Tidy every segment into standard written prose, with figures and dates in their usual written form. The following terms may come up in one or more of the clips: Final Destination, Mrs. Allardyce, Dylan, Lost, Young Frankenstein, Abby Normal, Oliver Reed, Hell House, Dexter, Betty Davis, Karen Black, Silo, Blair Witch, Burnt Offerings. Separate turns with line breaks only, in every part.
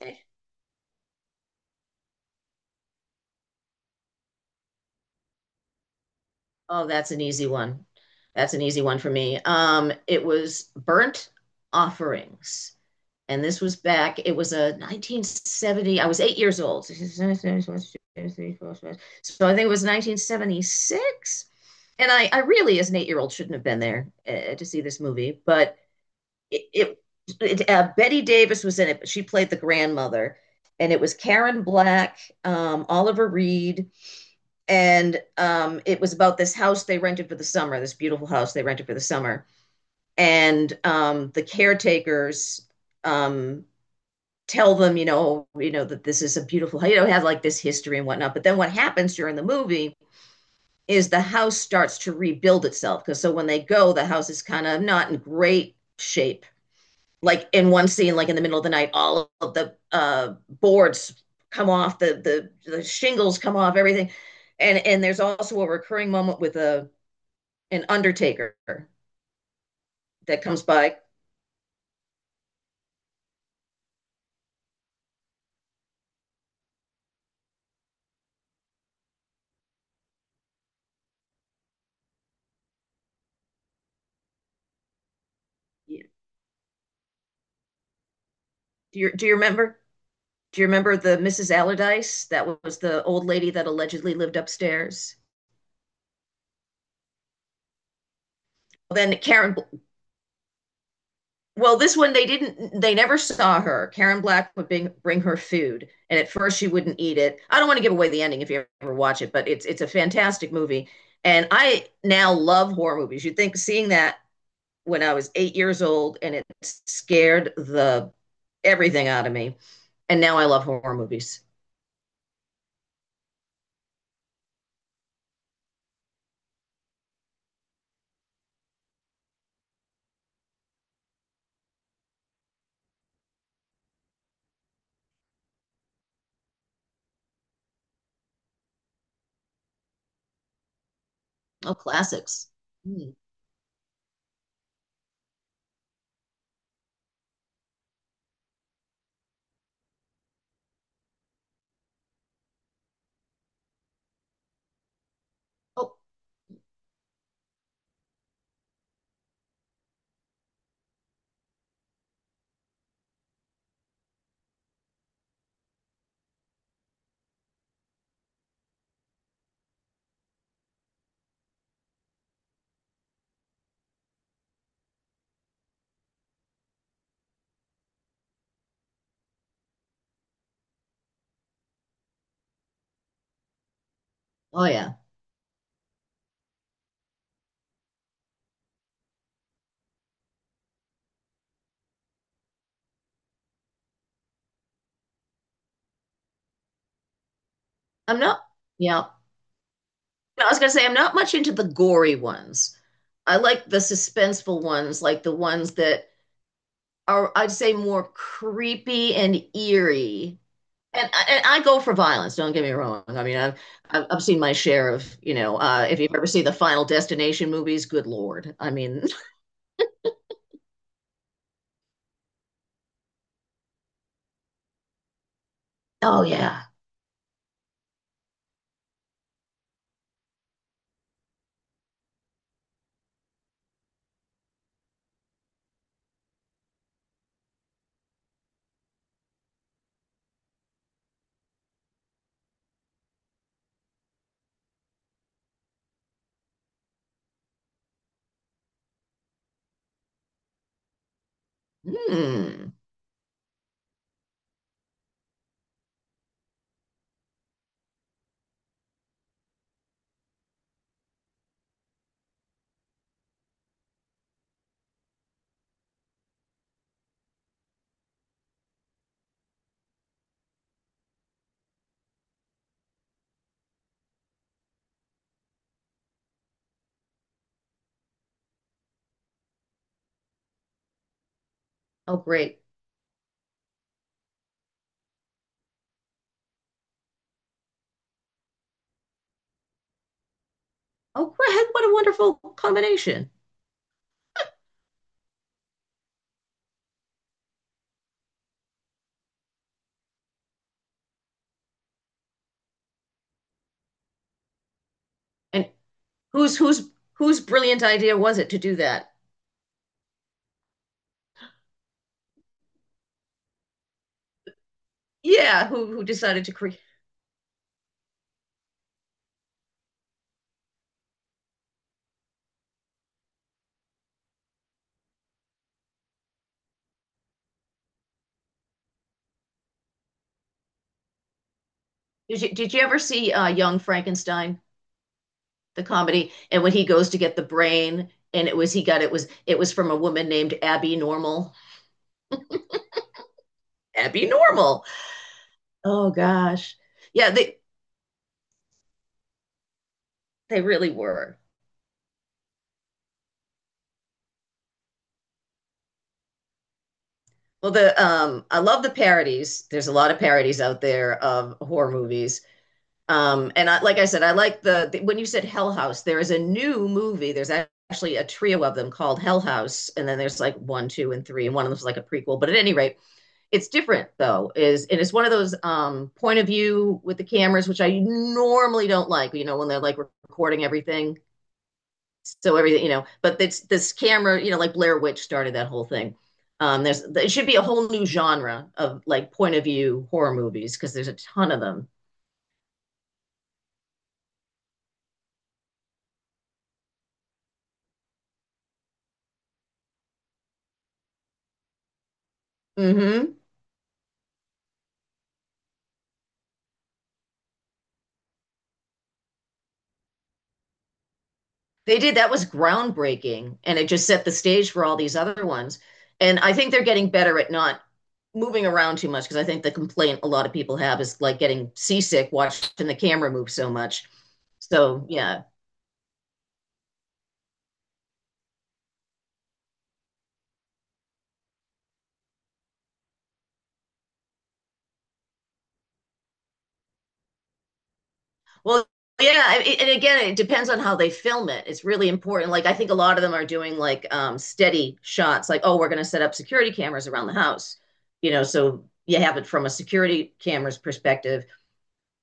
Okay. Oh, that's an easy one. That's an easy one for me. It was Burnt Offerings. And this was back, it was a 1970, I was 8 years old. So I think it was 1976. And I really, as an 8 year old, shouldn't have been there to see this movie. But it, it, it Betty Davis was in it, but she played the grandmother. And it was Karen Black, Oliver Reed, and it was about this house they rented for the summer, this beautiful house they rented for the summer. And the caretakers um, tell them, you know that this is a beautiful, you know, have like this history and whatnot. But then what happens during the movie is the house starts to rebuild itself because so when they go, the house is kind of not in great shape like in one scene, like in the middle of the night, all of the boards come off, the shingles come off, everything, and there's also a recurring moment with a an undertaker that comes by. Do you remember? Do you remember the Mrs. Allardyce? That was the old lady that allegedly lived upstairs. Then Karen Well, this one they didn't, they never saw her. Karen Black would bring her food, and at first she wouldn't eat it. I don't want to give away the ending if you ever watch it, but it's a fantastic movie. And I now love horror movies. You'd think seeing that when I was 8 years old and it scared the everything out of me. And now I love horror movies. Oh, classics. Hmm. Oh, oh yeah. I'm not, yeah. No, I was gonna say I'm not much into the gory ones. I like the suspenseful ones, like the ones that are I'd say more creepy and eerie. And I go for violence, don't get me wrong. I mean, I've seen my share of, you know, if you've ever seen the Final Destination movies, good Lord. I mean, oh yeah. Hmm. Oh great. Oh great. What a wonderful combination. And whose brilliant idea was it to do that? Yeah, who decided to create? Did you ever see Young Frankenstein? The comedy. And when he goes to get the brain, and it was he got it was from a woman named Abby Normal. Abby Normal. Oh gosh. Yeah, they really were. Well, the I love the parodies. There's a lot of parodies out there of horror movies. And I like I said I like the when you said Hell House, there is a new movie. There's actually a trio of them called Hell House and then there's like 1, 2 and 3 and one of them is like a prequel. But at any rate, it's different though is and it's one of those point of view with the cameras, which I normally don't like, you know, when they're like recording everything so everything, you know, but it's this camera, you know, like Blair Witch started that whole thing. There's it should be a whole new genre of like point of view horror movies because there's a ton of them. Mm-hmm. They did. That was groundbreaking, and it just set the stage for all these other ones. And I think they're getting better at not moving around too much because I think the complaint a lot of people have is like getting seasick watching the camera move so much. So, yeah. Well, yeah, I- and again, it depends on how they film it. It's really important. Like I think a lot of them are doing like steady shots, like, oh, we're going to set up security cameras around the house. You know, so you have it from a security camera's perspective.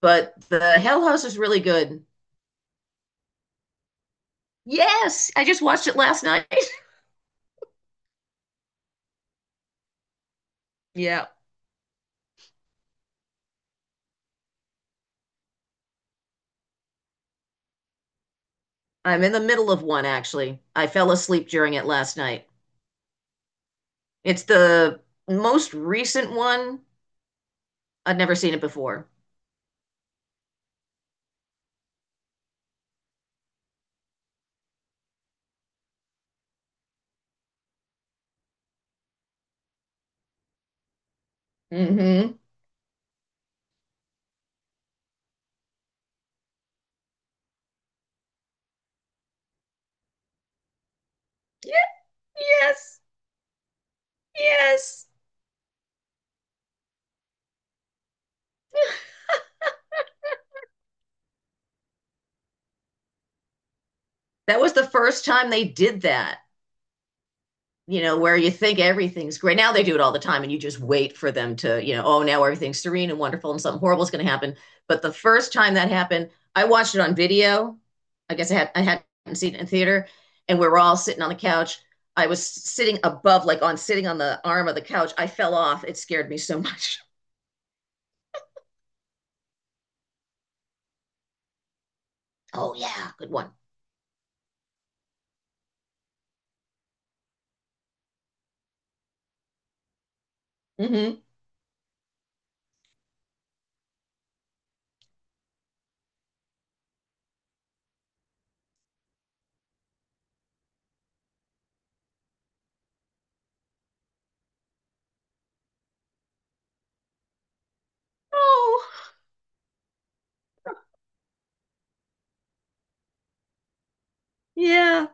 But the Hell House is really good. Yes, I just watched it last night. Yeah, I'm in the middle of one actually. I fell asleep during it last night. It's the most recent one. I'd never seen it before. Mm-hmm. Yes, yes. That was the first time they did that. You know, where you think everything's great. Now they do it all the time and you just wait for them to, you know, oh, now everything's serene and wonderful and something horrible is going to happen. But the first time that happened, I watched it on video. I guess I hadn't seen it in theater and we were all sitting on the couch. I was sitting above like on sitting on the arm of the couch. I fell off. It scared me so much. Oh yeah, good one. Mhm. Oh, yeah.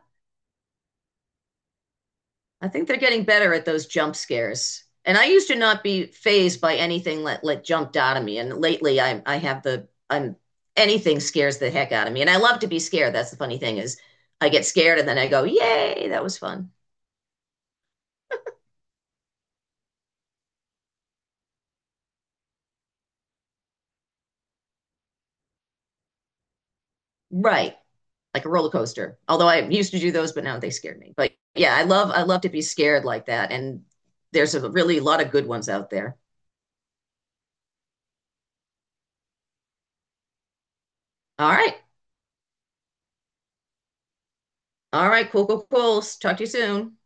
I think they're getting better at those jump scares. And I used to not be phased by anything that like jumped out of me. And lately I have the I'm anything scares the heck out of me. And I love to be scared. That's the funny thing is I get scared and then I go, "Yay, that was fun." Right. Like a roller coaster. Although I used to do those, but now they scared me. But yeah, I love to be scared like that. And there's a really lot of good ones out there. All right. All right, cool, cool, cool. Talk to you soon.